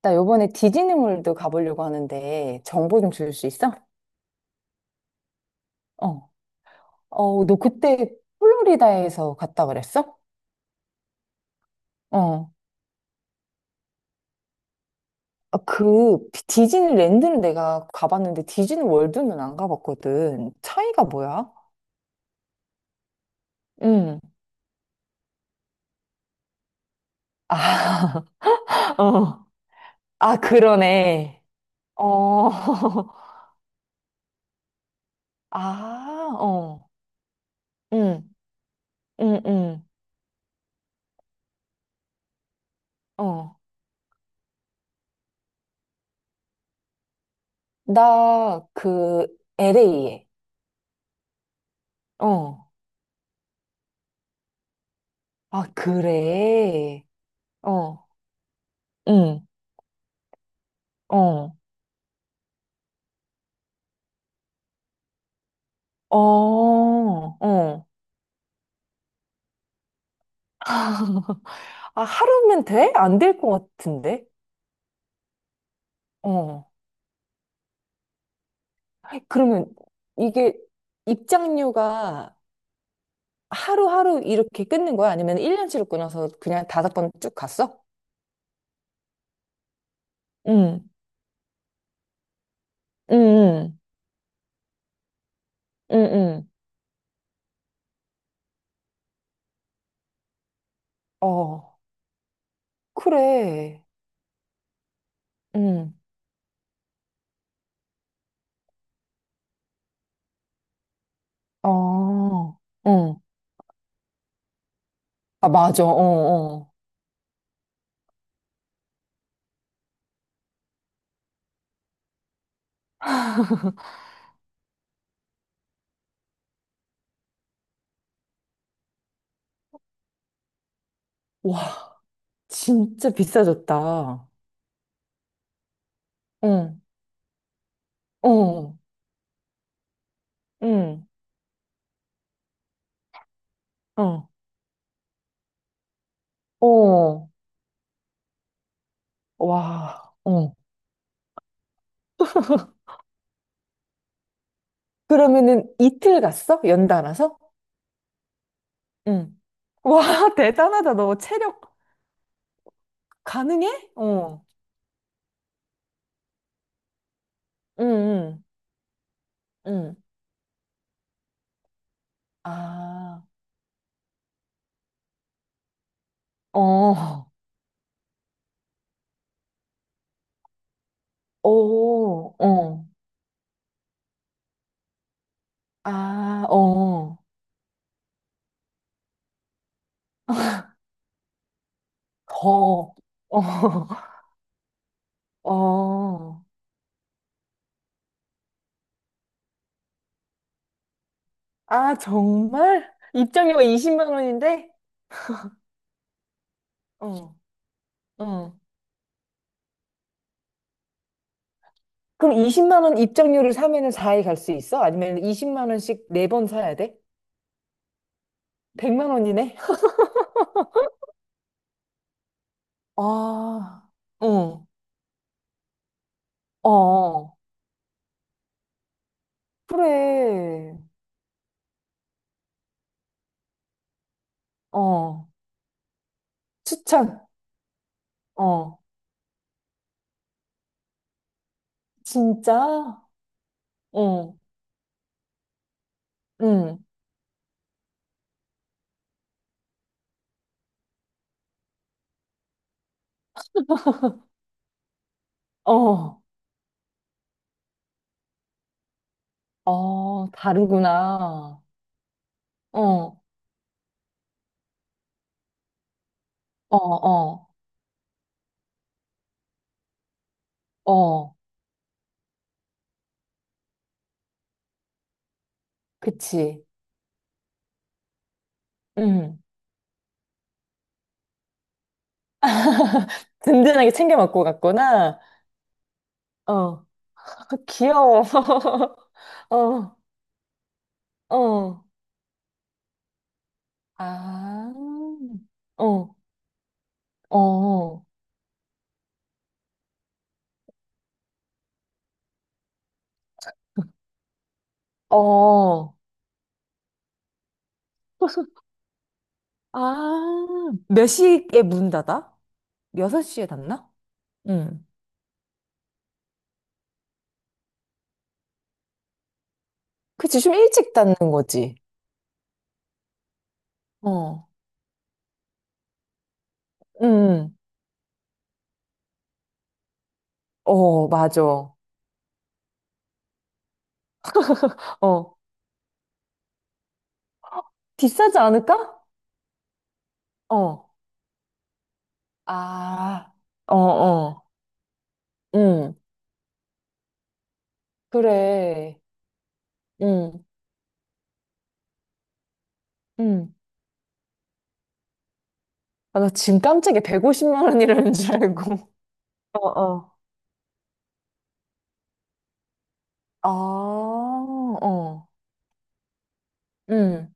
나 요번에 디즈니월드 가보려고 하는데 정보 좀 줄 수 있어? 어. 어, 너 그때 플로리다에서 갔다 그랬어? 어. 아, 그 디즈니랜드는 내가 가봤는데 디즈니월드는 안 가봤거든. 차이가 뭐야? 응. 아, 어. 아, 그러네. 어. 아, 어. 응, 응, 응. 어. 나 그 LA에. 어. 아, 그래. 어. 응. 어, 어, 어. 아, 하루면 돼? 안 될 것 같은데? 어. 그러면 이게 입장료가 하루하루 이렇게 끊는 거야? 아니면 1년치로 끊어서 그냥 다섯 번 쭉 갔어? 응, 응, 응, 응, 응. 어, 그래. 응, 어, 어. 아, 맞아. 어, 어. 와, 진짜 비싸졌다. 응, 어, 응, 어. 어. 와, 어. 그러면은 이틀 갔어? 연달아서? 응. 와, 대단하다. 너 체력 가능해? 어. 응, 응, 응. 아, 어. 오, 어. 아, 어. 더. 어. 어. 아, 정말? 입장료가 20만 원인데? 어. 어. 그럼 20만 원 입장료를 사면은 4회갈 수 있어? 아니면 20만 원씩 4번 사야 돼? 100만 원이네? 아, 어, 어, 그래. 어, 추천. 어, 진짜? 어. 응, 어, 어, 다르구나. 어, 어, 어, 어, 그치. 응, 든든하게 챙겨 먹고 갔구나. 어, 귀여워. 어, 어, 아, 어, 어, 어. 아, 몇 시에 문 닫아? 6시에 닫나? 응. 그치, 좀 일찍 닫는 거지. 어. 응, 어, 맞아. 어, 비싸지 않을까? 어, 아, 어, 어, 응 그래, 응 응. 아, 나 지금 깜짝이야. 150만 원이라는 줄 알고. 어, 아, 어, 응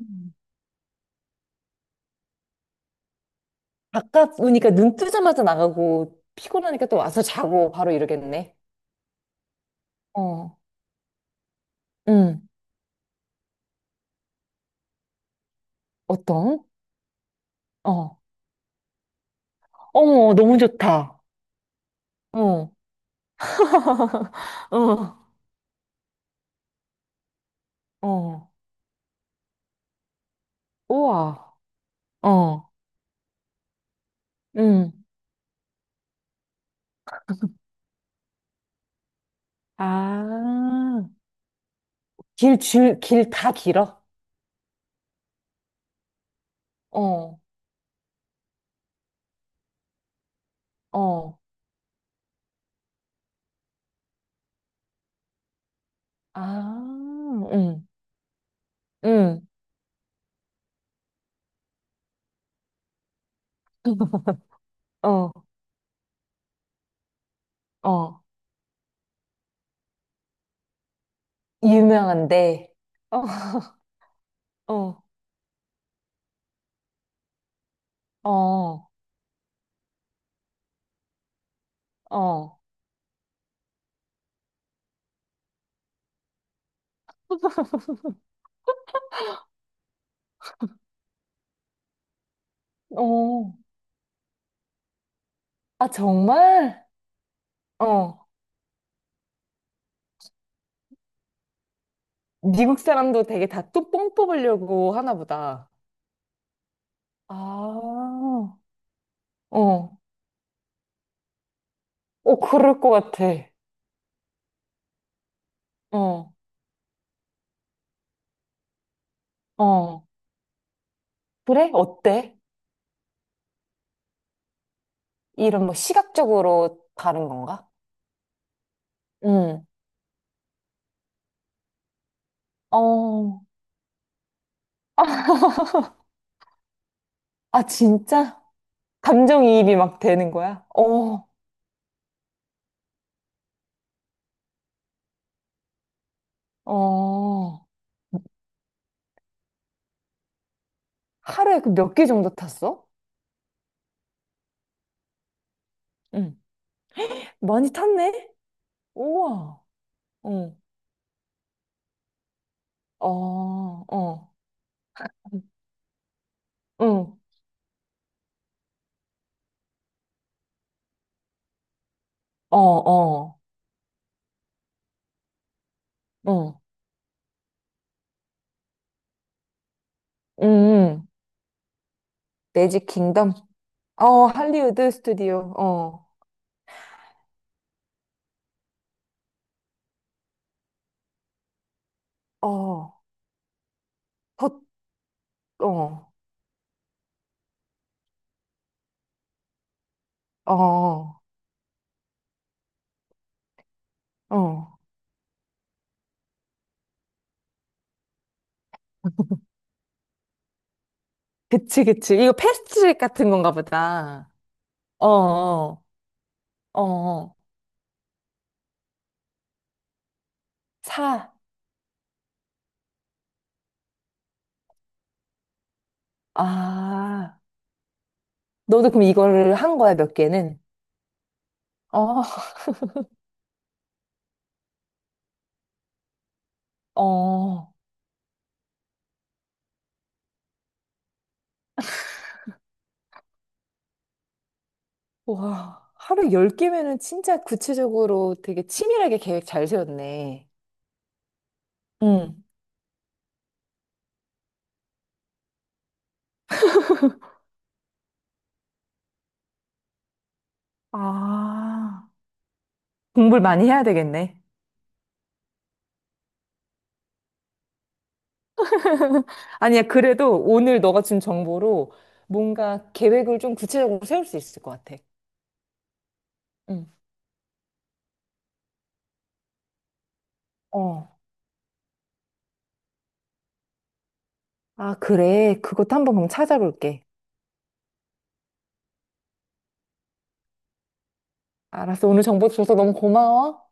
음. 아까 보니까 눈 뜨자마자 나가고, 피곤하니까 또 와서 자고 바로 이러겠네. 어. 응, 어떤? 어. 어머, 너무 좋다. 어, 어, 어. 우와, 어, 응. 아, 길, 줄, 길 다 길어? 어, 어. 아, 응, 응. 어, 어. 유명한데. 어, 어, 어, 어, 어. 아, 정말? 어. 미국 사람도 되게 다 뚜껑 뽑으려고 하나 보다. 아, 어. 어, 그럴 것 같아. 어, 어. 그래? 어때? 이런 뭐 시각적으로 다른 건가? 응. 어. 아, 아, 진짜? 감정이입이 막 되는 거야? 어, 어. 하루에 그 몇 개 정도 탔어? 응. 많이 탔네? 우와. 응. 어, 어. 응. 어, 어. 응. 음. 매직 킹덤? 어, 할리우드 스튜디오. 어. 어. 더, 어. 어. 어. 그치, 그치. 이거 패스트리 같은 건가 보다. 어, 어, 어. 어. 사. 아. 너도 그럼 이거를 한 거야, 몇 개는? 어, 어. 와. 하루 열 개면은 진짜 구체적으로 되게 치밀하게 계획 잘 세웠네. 응. 아. 공부를 많이 해야 되겠네. 아니야, 그래도 오늘 너가 준 정보로 뭔가 계획을 좀 구체적으로 세울 수 있을 것 같아. 응. 어. 아, 그래. 그것도 한번 그럼 찾아볼게. 알았어. 오늘 정보 줘서 너무 고마워.